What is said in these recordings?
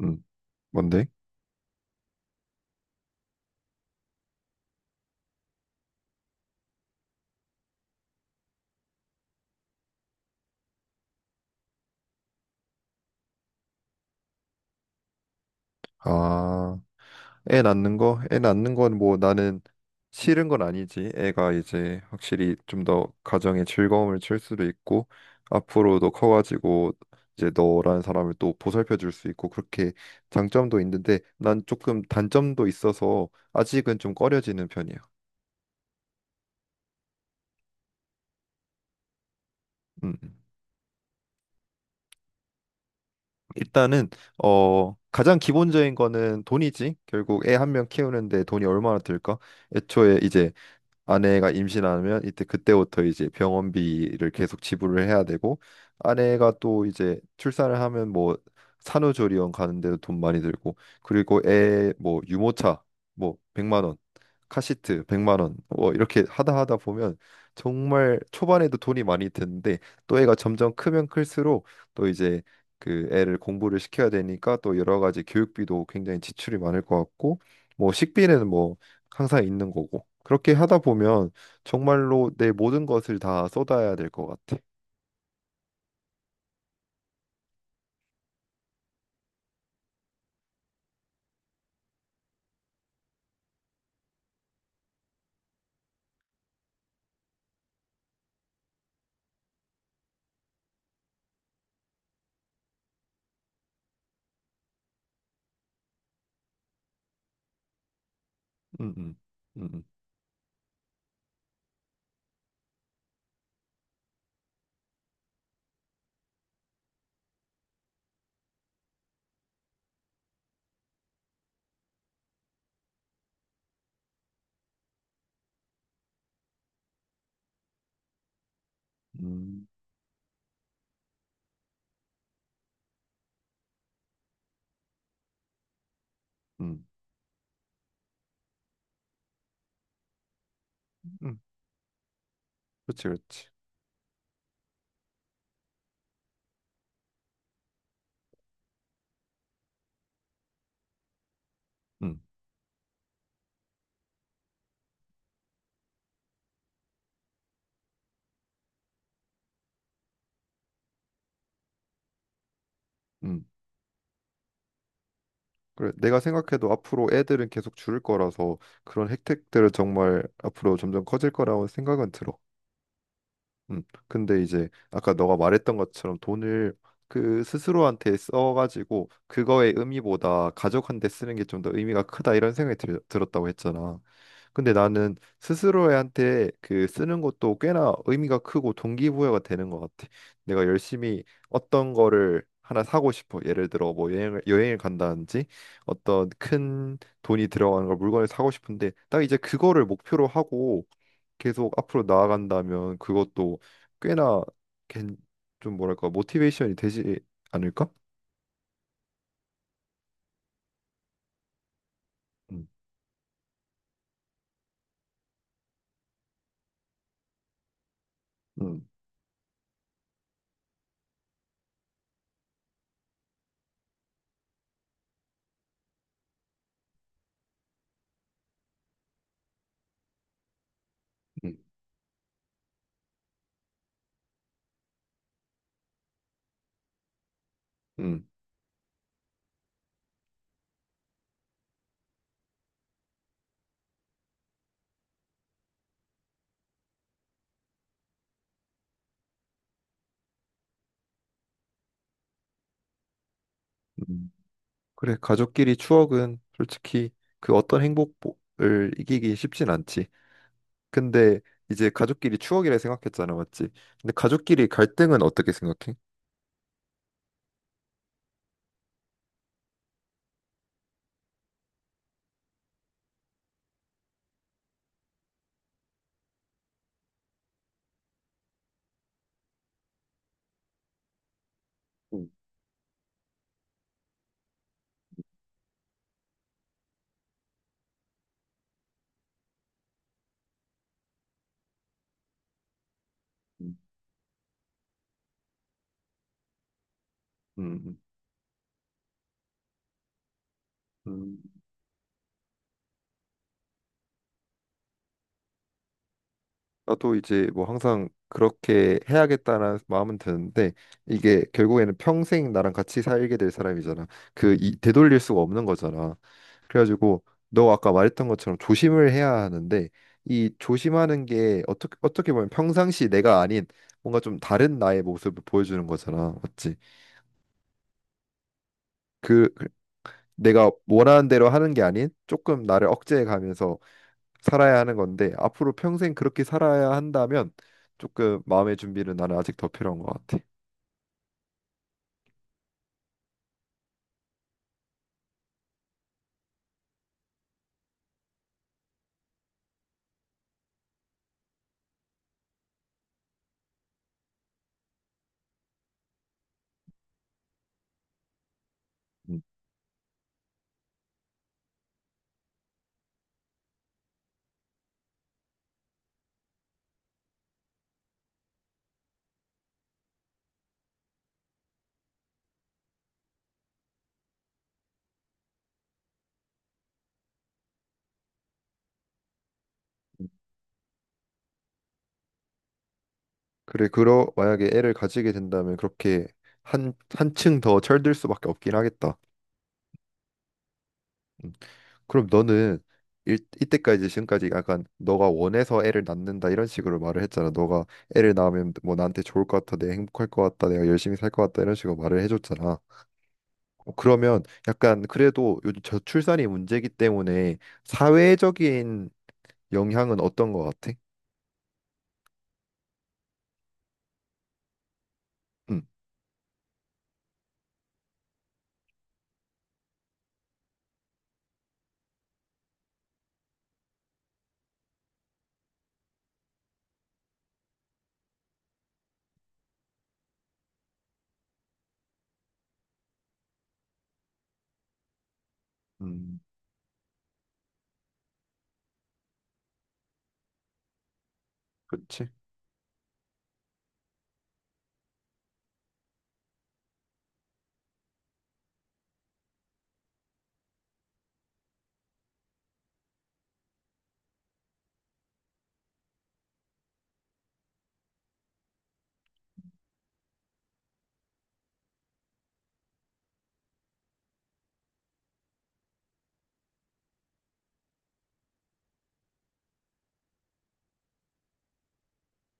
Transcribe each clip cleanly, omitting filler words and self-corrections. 음, 뭔데? 아, 애 낳는 거? 애 낳는 건 뭐 나는 싫은 건 아니지. 애가 이제 확실히 좀 더 가정에 즐거움을 줄 수도 있고, 앞으로도 커가지고 이제 너라는 사람을 또 보살펴 줄 수 있고, 그렇게 장점도 있는데, 난 조금 단점도 있어서 아직은 좀 꺼려지는 편이야. 음, 음. 일단은, 가장 기본적인 거는 돈이지. 결국 애 한 명 키우는데 돈이 얼마나 들까? 애초에 이제 아내가 임신하면 이때 그때부터 이제 병원비를 계속 지불을 해야 되고 아내가 또 이제 출산을 하면 뭐 산후조리원 가는 데도 돈 많이 들고 그리고 애 뭐 유모차 뭐 100만 원 카시트 100만 원뭐 이렇게 하다 보면 정말 초반에도 돈이 많이 드는데 또 애가 점점 크면 클수록 또 이제 그 애를 공부를 시켜야 되니까 또 여러 가지 교육비도 굉장히 지출이 많을 것 같고 뭐 식비는 뭐 항상 있는 거고. 그렇게 하다 보면 정말로 내 모든 것을 다 쏟아야 될 것 같아. 음, 음, 음, 음, 음, 음. 그렇지, 그렇지. 음, 음. 그래, 내가 생각해도 앞으로 애들은 계속 줄을 거라서 그런 혜택들은 정말 앞으로 점점 커질 거라고 생각은 들어. 근데 이제 아까 너가 말했던 것처럼 돈을 그 스스로한테 써가지고 그거의 의미보다 가족한테 쓰는 게 좀 더 의미가 크다 이런 생각이 들었다고 했잖아. 근데 나는 스스로한테 그 쓰는 것도 꽤나 의미가 크고 동기부여가 되는 것 같아. 내가 열심히 어떤 거를 하나 사고 싶어. 예를 들어 뭐 여행을 간다든지 어떤 큰 돈이 들어가는 걸 물건을 사고 싶은데 딱 이제 그거를 목표로 하고 계속 앞으로 나아간다면 그것도 꽤나 괜- 좀 뭐랄까 모티베이션이 되지 않을까? 음, 음, 음, 음. 음. 그래, 가족끼리 추억은 솔직히 그 어떤 행복을 이기기 쉽진 않지. 근데 이제 가족끼리 추억이라 생각했잖아, 맞지? 근데 가족끼리 갈등은 어떻게 생각해? 음, 음, 음, 음. 나도 이제 뭐 항상 그렇게 해야겠다는 마음은 드는데 이게 결국에는 평생 나랑 같이 살게 될 사람이잖아. 그 이, 되돌릴 수가 없는 거잖아. 그래가지고 너 아까 말했던 것처럼 조심을 해야 하는데 이 조심하는 게 어떻게 보면 평상시 내가 아닌 뭔가 좀 다른 나의 모습을 보여주는 거잖아. 맞지? 그 그- 내가 원하는 대로 하는 게 아닌 조금 나를 억제해 가면서 살아야 하는 건데 앞으로 평생 그렇게 살아야 한다면 조금 마음의 준비는 나는 아직 더 필요한 것 같아. 음. 그래, 그러 만약에 애를 가지게 된다면 그렇게 한 한층 더 철들 수밖에 없긴 하겠다. 음. 그럼 너는 이때까지 지금까지 약간 너가 원해서 애를 낳는다 이런 식으로 말을 했잖아. 너가 애를 낳으면 뭐 나한테 좋을 것 같아, 내가 행복할 것 같다, 내가 열심히 살 것 같다 이런 식으로 말을 해줬잖아. 어, 그러면 약간 그래도 요즘 저출산이 문제이기 때문에 사회적인 영향은 어떤 거 같아? 응, 음, 그치.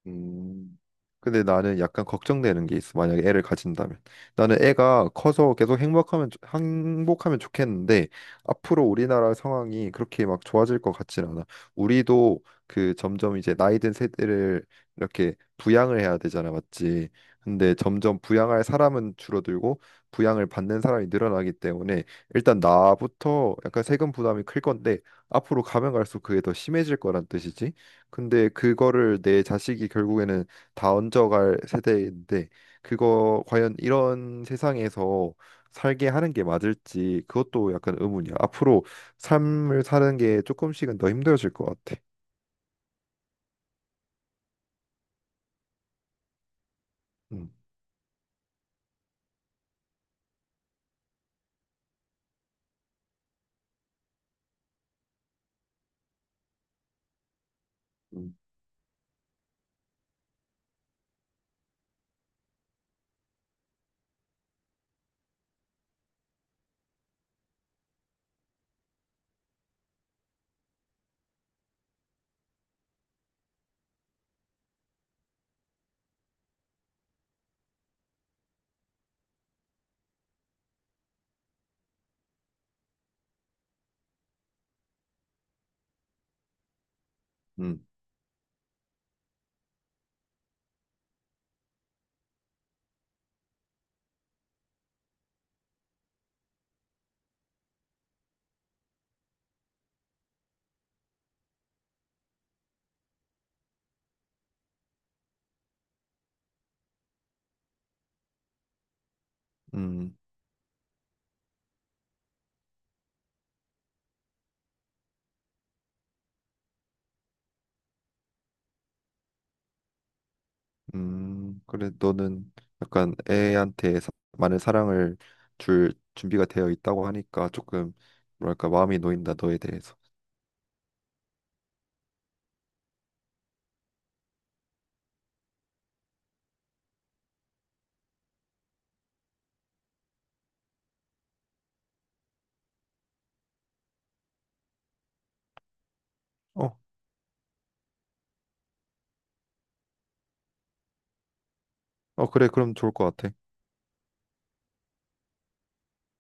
음. 근데 나는 약간 걱정되는 게 있어. 만약에 애를 가진다면. 나는 애가 커서 계속 행복하면 좋겠는데 앞으로 우리나라 상황이 그렇게 막 좋아질 것 같진 않아. 우리도 그 점점 이제 나이 든 세대를 이렇게 부양을 해야 되잖아, 맞지? 근데 점점 부양할 사람은 줄어들고 부양을 받는 사람이 늘어나기 때문에 일단 나부터 약간 세금 부담이 클 건데 앞으로 가면 갈수록 그게 더 심해질 거란 뜻이지. 근데 그거를 내 자식이 결국에는 다 얹어갈 세대인데 그거 과연 이런 세상에서 살게 하는 게 맞을지 그것도 약간 의문이야. 앞으로 삶을 사는 게 조금씩은 더 힘들어질 것 같아. 음, 음, 음. 음, 그래 너는 약간 많은 사랑을 줄 준비가 되어 있다고 하니까 조금 뭐랄까 마음이 놓인다 너에 대해서. 어, 어 그래 그럼 좋을 것 같아.